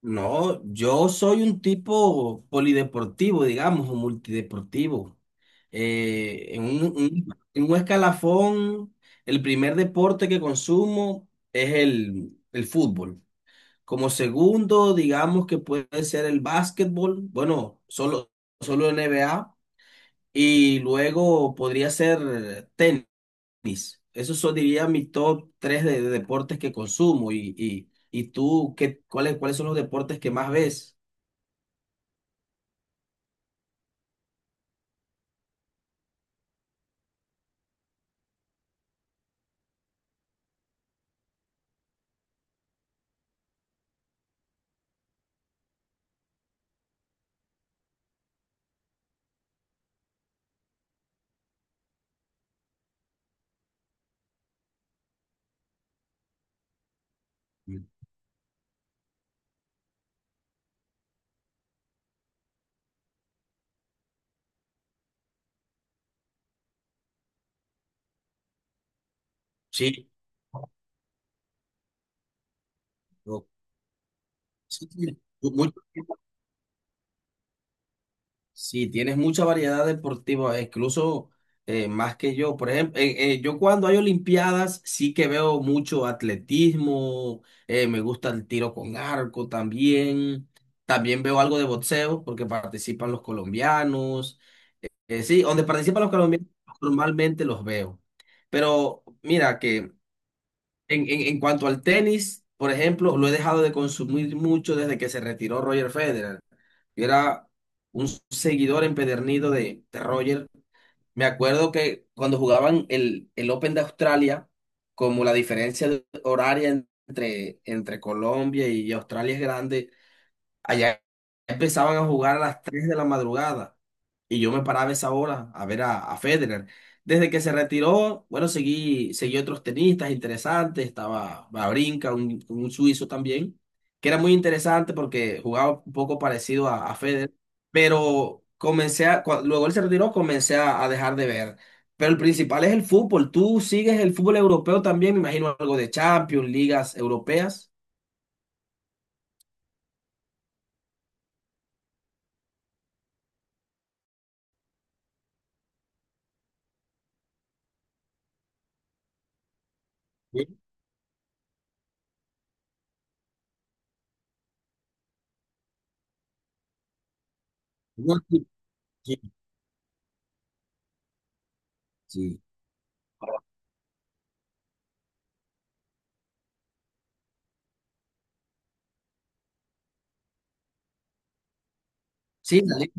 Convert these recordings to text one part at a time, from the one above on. No, yo soy un tipo polideportivo, digamos, o multideportivo. En un en un escalafón, el primer deporte que consumo es el fútbol. Como segundo, digamos que puede ser el básquetbol, bueno, solo NBA. Y luego podría ser tenis. Esos son, diría, mis top tres de deportes que consumo. Y, y tú, cuáles, cuáles son los deportes que más ves? Sí, no, sí, tiene mucho. Sí, tienes mucha variedad deportiva, incluso más que yo. Por ejemplo, yo cuando hay Olimpiadas sí que veo mucho atletismo, me gusta el tiro con arco también, también veo algo de boxeo porque participan los colombianos. Sí, donde participan los colombianos normalmente los veo. Pero mira que en cuanto al tenis, por ejemplo, lo he dejado de consumir mucho desde que se retiró Roger Federer. Yo era un seguidor empedernido de Roger. Me acuerdo que cuando jugaban el Open de Australia, como la diferencia horaria entre, entre Colombia y Australia es grande, allá empezaban a jugar a las 3 de la madrugada y yo me paraba a esa hora a ver a Federer. Desde que se retiró, bueno, seguí otros tenistas interesantes, estaba Babrinka, un suizo también, que era muy interesante porque jugaba un poco parecido a Federer, pero luego él se retiró, comencé a dejar de ver. Pero el principal es el fútbol. ¿Tú sigues el fútbol europeo también? Me imagino algo de Champions, ligas europeas. Sí, no, sí, sí, sí. Sí, la liga.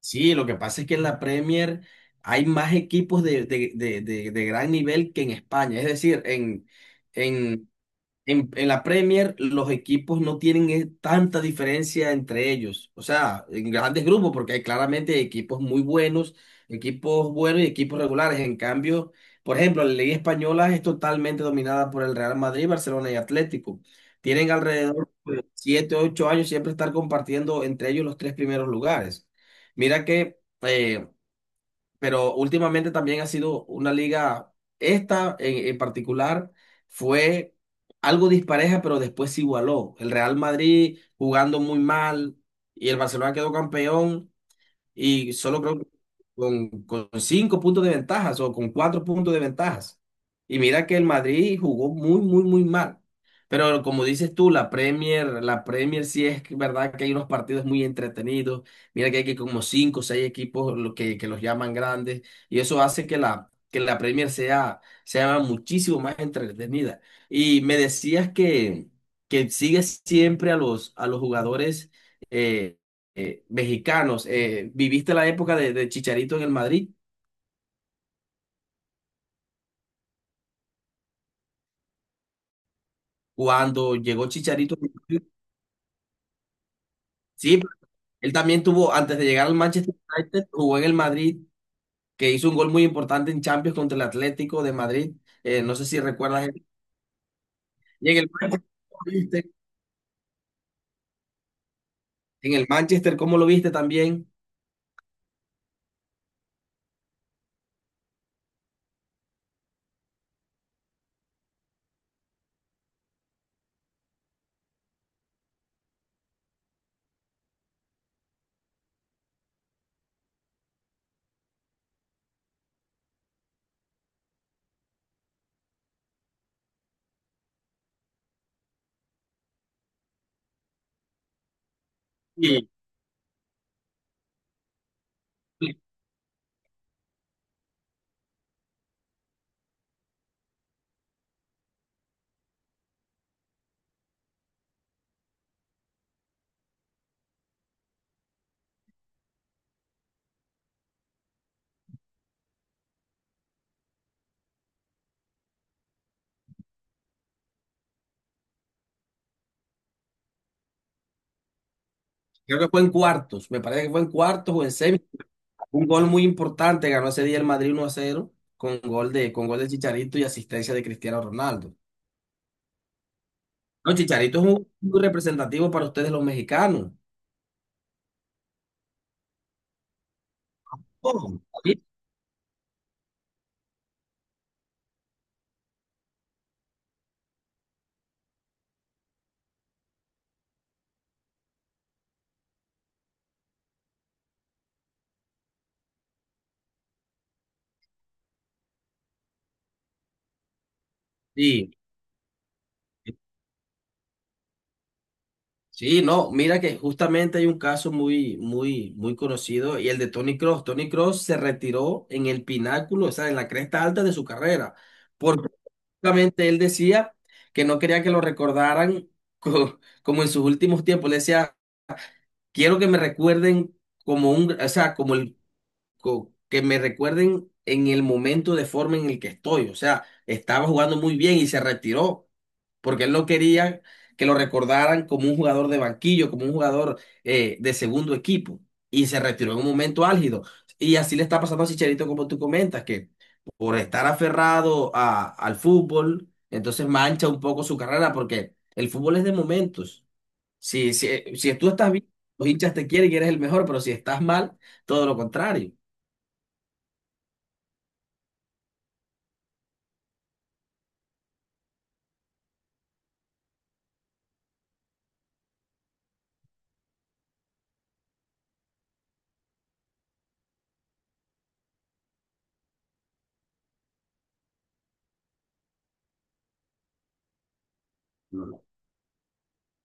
Sí, lo que pasa es que en la Premier hay más equipos de gran nivel que en España. Es decir, en, en, en la Premier los equipos no tienen tanta diferencia entre ellos, o sea, en grandes grupos, porque hay claramente equipos muy buenos, equipos buenos y equipos regulares. En cambio, por ejemplo, la Liga Española es totalmente dominada por el Real Madrid, Barcelona y Atlético. Tienen alrededor de 7 o 8 años siempre estar compartiendo entre ellos los tres primeros lugares. Mira que pero últimamente también ha sido una liga, esta en particular fue algo dispareja, pero después se igualó. El Real Madrid jugando muy mal y el Barcelona quedó campeón y solo creo que con cinco puntos de ventajas o con cuatro puntos de ventajas. Y mira que el Madrid jugó muy, muy, muy mal. Pero como dices tú, la Premier sí verdad que hay unos partidos muy entretenidos. Mira que hay que como cinco o seis equipos lo que los llaman grandes. Y eso hace que que la Premier sea muchísimo más entretenida. Y me decías que sigues siempre a los jugadores eh, mexicanos. ¿Viviste la época de Chicharito en el Madrid? Cuando llegó Chicharito, sí, él también tuvo, antes de llegar al Manchester United, jugó en el Madrid, que hizo un gol muy importante en Champions contra el Atlético de Madrid. No sé si recuerdas. Y en el Manchester, ¿cómo lo viste? En el Manchester, ¿cómo lo viste también? Y creo que fue en cuartos, me parece que fue en cuartos o en semis. Un gol muy importante, ganó ese día el Madrid uno a cero con gol de Chicharito y asistencia de Cristiano Ronaldo. No, Chicharito es muy representativo para ustedes los mexicanos. Oh, sí, sí, sí, no, mira que justamente hay un caso muy, muy, muy conocido y el de Tony Cross. Tony Cross se retiró en el pináculo, o sea, en la cresta alta de su carrera, porque justamente él decía que no quería que lo recordaran como en sus últimos tiempos. Le decía, quiero que me recuerden como un, o sea, como que me recuerden en el momento de forma en el que estoy. O sea, estaba jugando muy bien y se retiró porque él no quería que lo recordaran como un jugador de banquillo, como un jugador de segundo equipo. Y se retiró en un momento álgido. Y así le está pasando a Chicharito, como tú comentas, que por estar aferrado al fútbol, entonces mancha un poco su carrera, porque el fútbol es de momentos. Si tú estás bien, los hinchas te quieren y eres el mejor, pero si estás mal, todo lo contrario.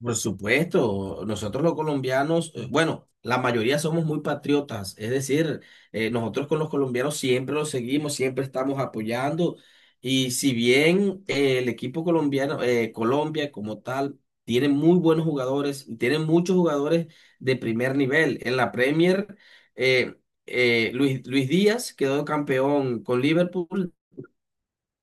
Por supuesto, nosotros los colombianos, bueno, la mayoría somos muy patriotas, es decir, nosotros con los colombianos siempre los seguimos, siempre estamos apoyando y si bien el equipo colombiano, Colombia como tal, tiene muy buenos jugadores, tiene muchos jugadores de primer nivel. En la Premier, eh, Luis Díaz quedó campeón con Liverpool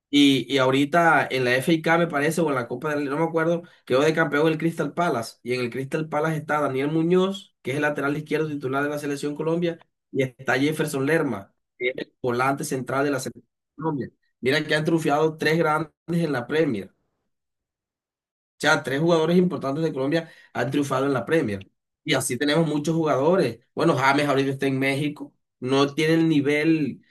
y ahorita en la FA me parece, o en la Copa del Rey, no me acuerdo, quedó de campeón el Crystal Palace. Y en el Crystal Palace está Daniel Muñoz, que es el lateral izquierdo titular de la Selección Colombia, y está Jefferson Lerma, que es el volante central de la Selección Colombia. Mira que han triunfado tres grandes en la Premier. O sea, tres jugadores importantes de Colombia han triunfado en la Premier. Y así tenemos muchos jugadores. Bueno, James ahorita está en México. No tiene el nivel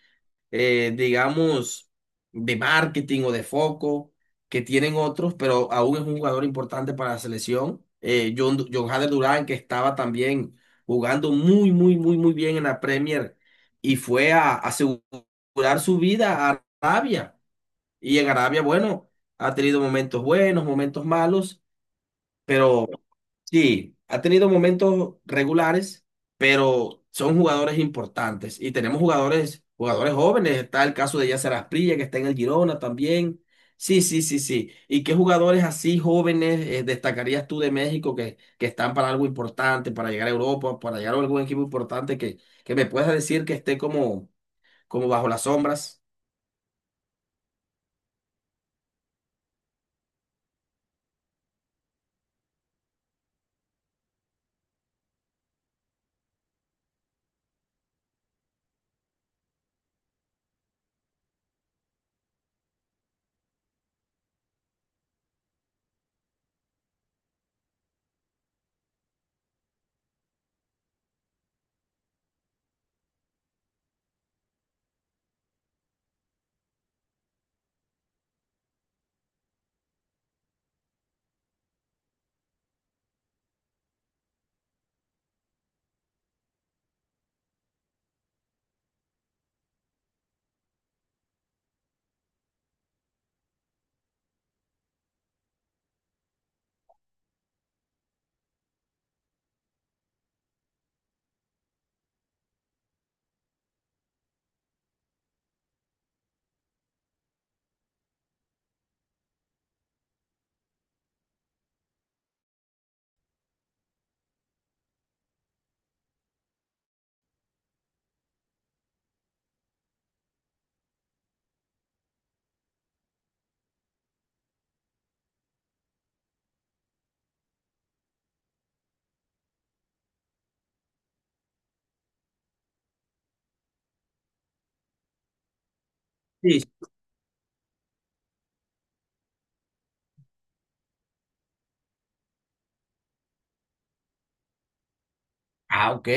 digamos, de marketing o de foco que tienen otros, pero aún es un jugador importante para la selección. John Hader Durán, que estaba también jugando muy, muy, muy, muy bien en la Premier y fue a asegurar su vida a Arabia. Y en Arabia, bueno, ha tenido momentos buenos, momentos malos, pero, sí, ha tenido momentos regulares, pero son jugadores importantes. Y tenemos jugadores, jugadores jóvenes. Está el caso de Yasser Asprilla, que está en el Girona también. Sí, sí, sí, sí. ¿Y qué jugadores así jóvenes destacarías tú de México que están para algo importante, para llegar a Europa, para llegar a algún equipo importante que me puedas decir que esté como, como bajo las sombras? Sí. Ah, ok,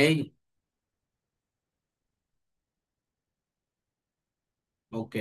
ok.